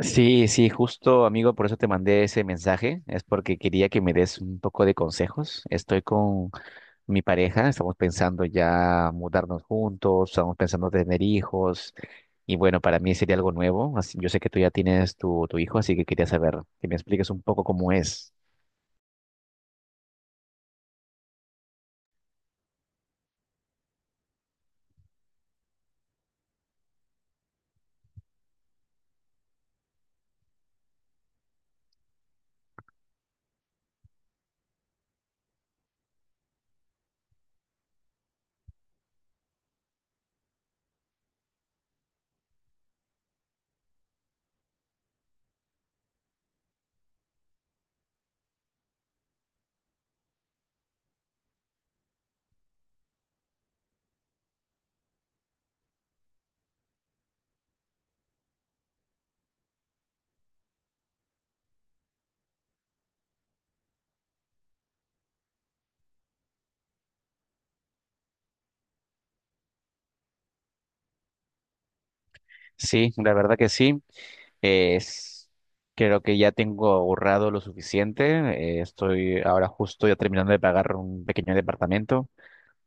Sí, sí, justo amigo, por eso te mandé ese mensaje, es porque quería que me des un poco de consejos. Estoy con mi pareja, estamos pensando ya mudarnos juntos, estamos pensando tener hijos y bueno, para mí sería algo nuevo. Yo sé que tú ya tienes tu hijo, así que quería saber que me expliques un poco cómo es. Sí, la verdad que sí. Es, creo que ya tengo ahorrado lo suficiente. Estoy ahora justo ya terminando de pagar un pequeño departamento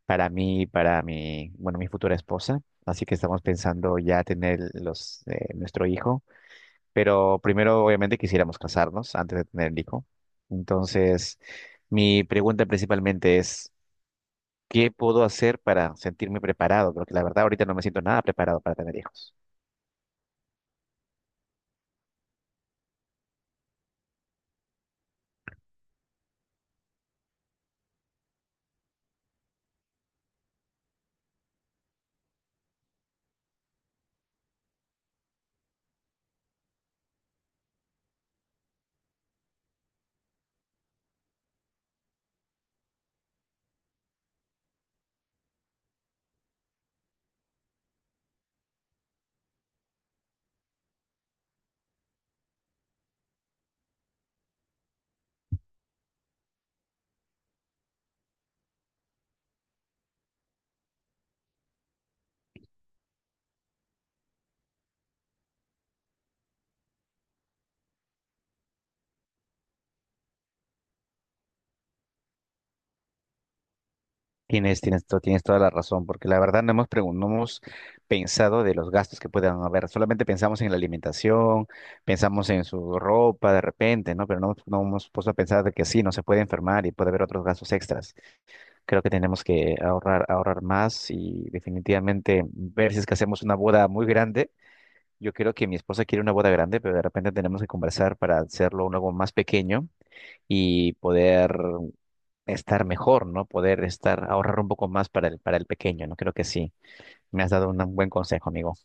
para mí y para mi, bueno, mi futura esposa. Así que estamos pensando ya tener nuestro hijo, pero primero obviamente quisiéramos casarnos antes de tener el hijo. Entonces, mi pregunta principalmente es, ¿qué puedo hacer para sentirme preparado? Porque la verdad ahorita no me siento nada preparado para tener hijos. Tienes toda la razón, porque la verdad no hemos pensado de los gastos que puedan haber, solamente pensamos en la alimentación, pensamos en su ropa de repente, ¿no? Pero no, no hemos puesto a pensar de que sí, no se puede enfermar y puede haber otros gastos extras. Creo que tenemos que ahorrar, ahorrar más y definitivamente ver si es que hacemos una boda muy grande. Yo creo que mi esposa quiere una boda grande, pero de repente tenemos que conversar para hacerlo algo más pequeño y poder estar mejor, ¿no? Poder estar, ahorrar un poco más para el pequeño, ¿no? Creo que sí. Me has dado un buen consejo, amigo.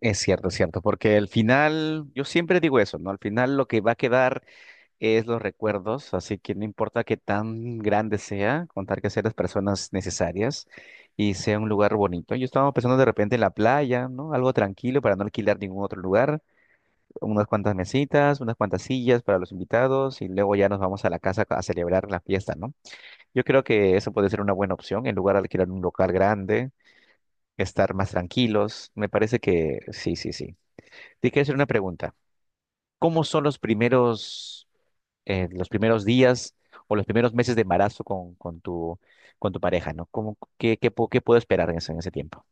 Es cierto, porque al final, yo siempre digo eso, ¿no? Al final lo que va a quedar es los recuerdos, así que no importa qué tan grande sea, contar que sean las personas necesarias y sea un lugar bonito. Yo estaba pensando de repente en la playa, ¿no? Algo tranquilo para no alquilar ningún otro lugar, unas cuantas mesitas, unas cuantas sillas para los invitados y luego ya nos vamos a la casa a celebrar la fiesta, ¿no? Yo creo que eso puede ser una buena opción en lugar de alquilar un local grande, estar más tranquilos. Me parece que sí, sí, sí. Te quiero hacer una pregunta. ¿Cómo son los primeros días o los primeros meses de embarazo con tu pareja, ¿no? ¿Cómo, qué puedo esperar en ese tiempo?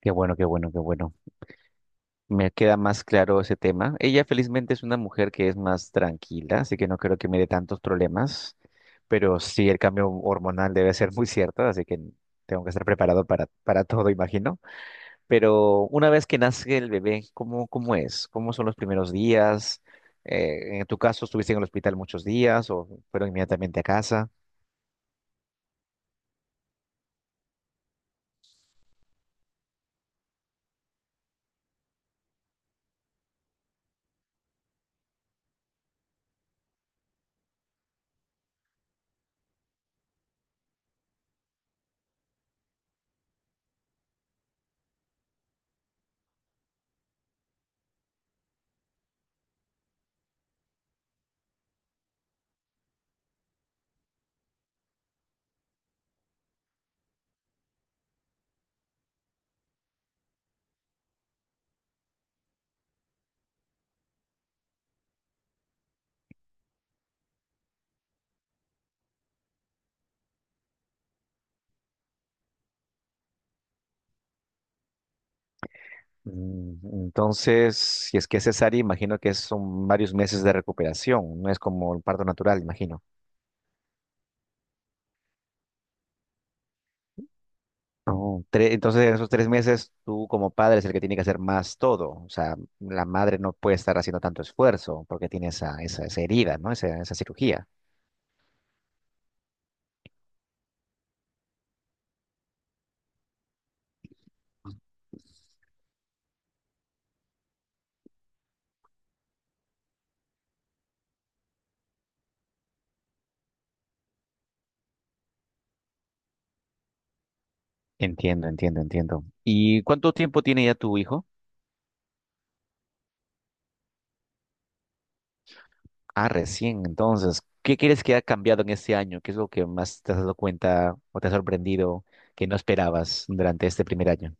Qué bueno, qué bueno, qué bueno. Me queda más claro ese tema. Ella felizmente es una mujer que es más tranquila, así que no creo que me dé tantos problemas, pero sí el cambio hormonal debe ser muy cierto, así que tengo que estar preparado para todo, imagino. Pero una vez que nace el bebé, ¿cómo, cómo es? ¿Cómo son los primeros días? En tu caso, ¿estuviste en el hospital muchos días o fueron inmediatamente a casa? Mm, entonces, si es que es cesárea, imagino que son varios meses de recuperación, no es como el parto natural, imagino. Entonces, en esos 3 meses, tú como padre es el que tiene que hacer más todo. O sea, la madre no puede estar haciendo tanto esfuerzo porque tiene esa herida, ¿no? Esa cirugía. Entiendo, entiendo, entiendo. ¿Y cuánto tiempo tiene ya tu hijo? Ah, recién, entonces. ¿Qué crees que ha cambiado en este año? ¿Qué es lo que más te has dado cuenta o te ha sorprendido que no esperabas durante este primer año?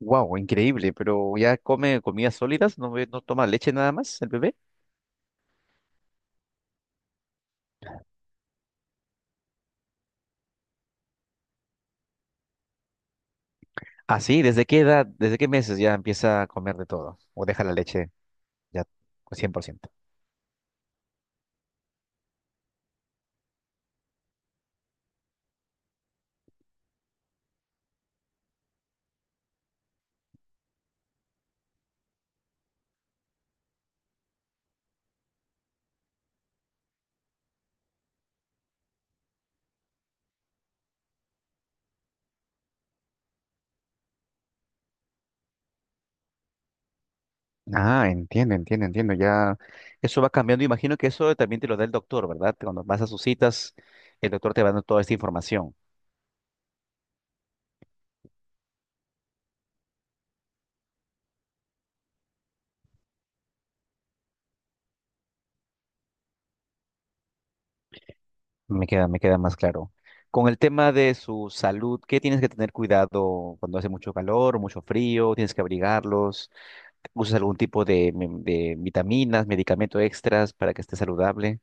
Wow, increíble, pero ya come comidas sólidas, no, no toma leche nada más el bebé. Ah, sí, ¿desde qué edad, desde qué meses ya empieza a comer de todo? ¿O deja la leche ya 100%? Ah, entiendo, entiendo, entiendo. Ya eso va cambiando. Imagino que eso también te lo da el doctor, ¿verdad? Cuando vas a sus citas, el doctor te va dando toda esta información. Me queda más claro. Con el tema de su salud, ¿qué tienes que tener cuidado cuando hace mucho calor, mucho frío? ¿Tienes que abrigarlos? ¿Usas algún tipo de, de vitaminas, medicamento extras para que esté saludable?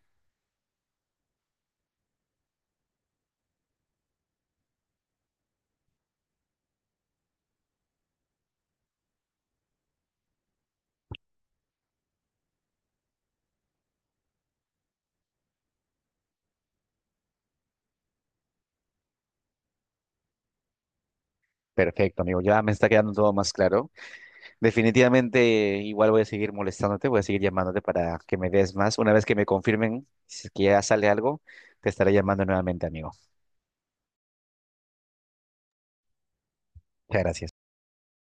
Perfecto, amigo. Ya me está quedando todo más claro. Definitivamente, igual voy a seguir molestándote, voy a seguir llamándote para que me des más. Una vez que me confirmen si es que ya sale algo, te estaré llamando nuevamente, amigo. Muchas gracias.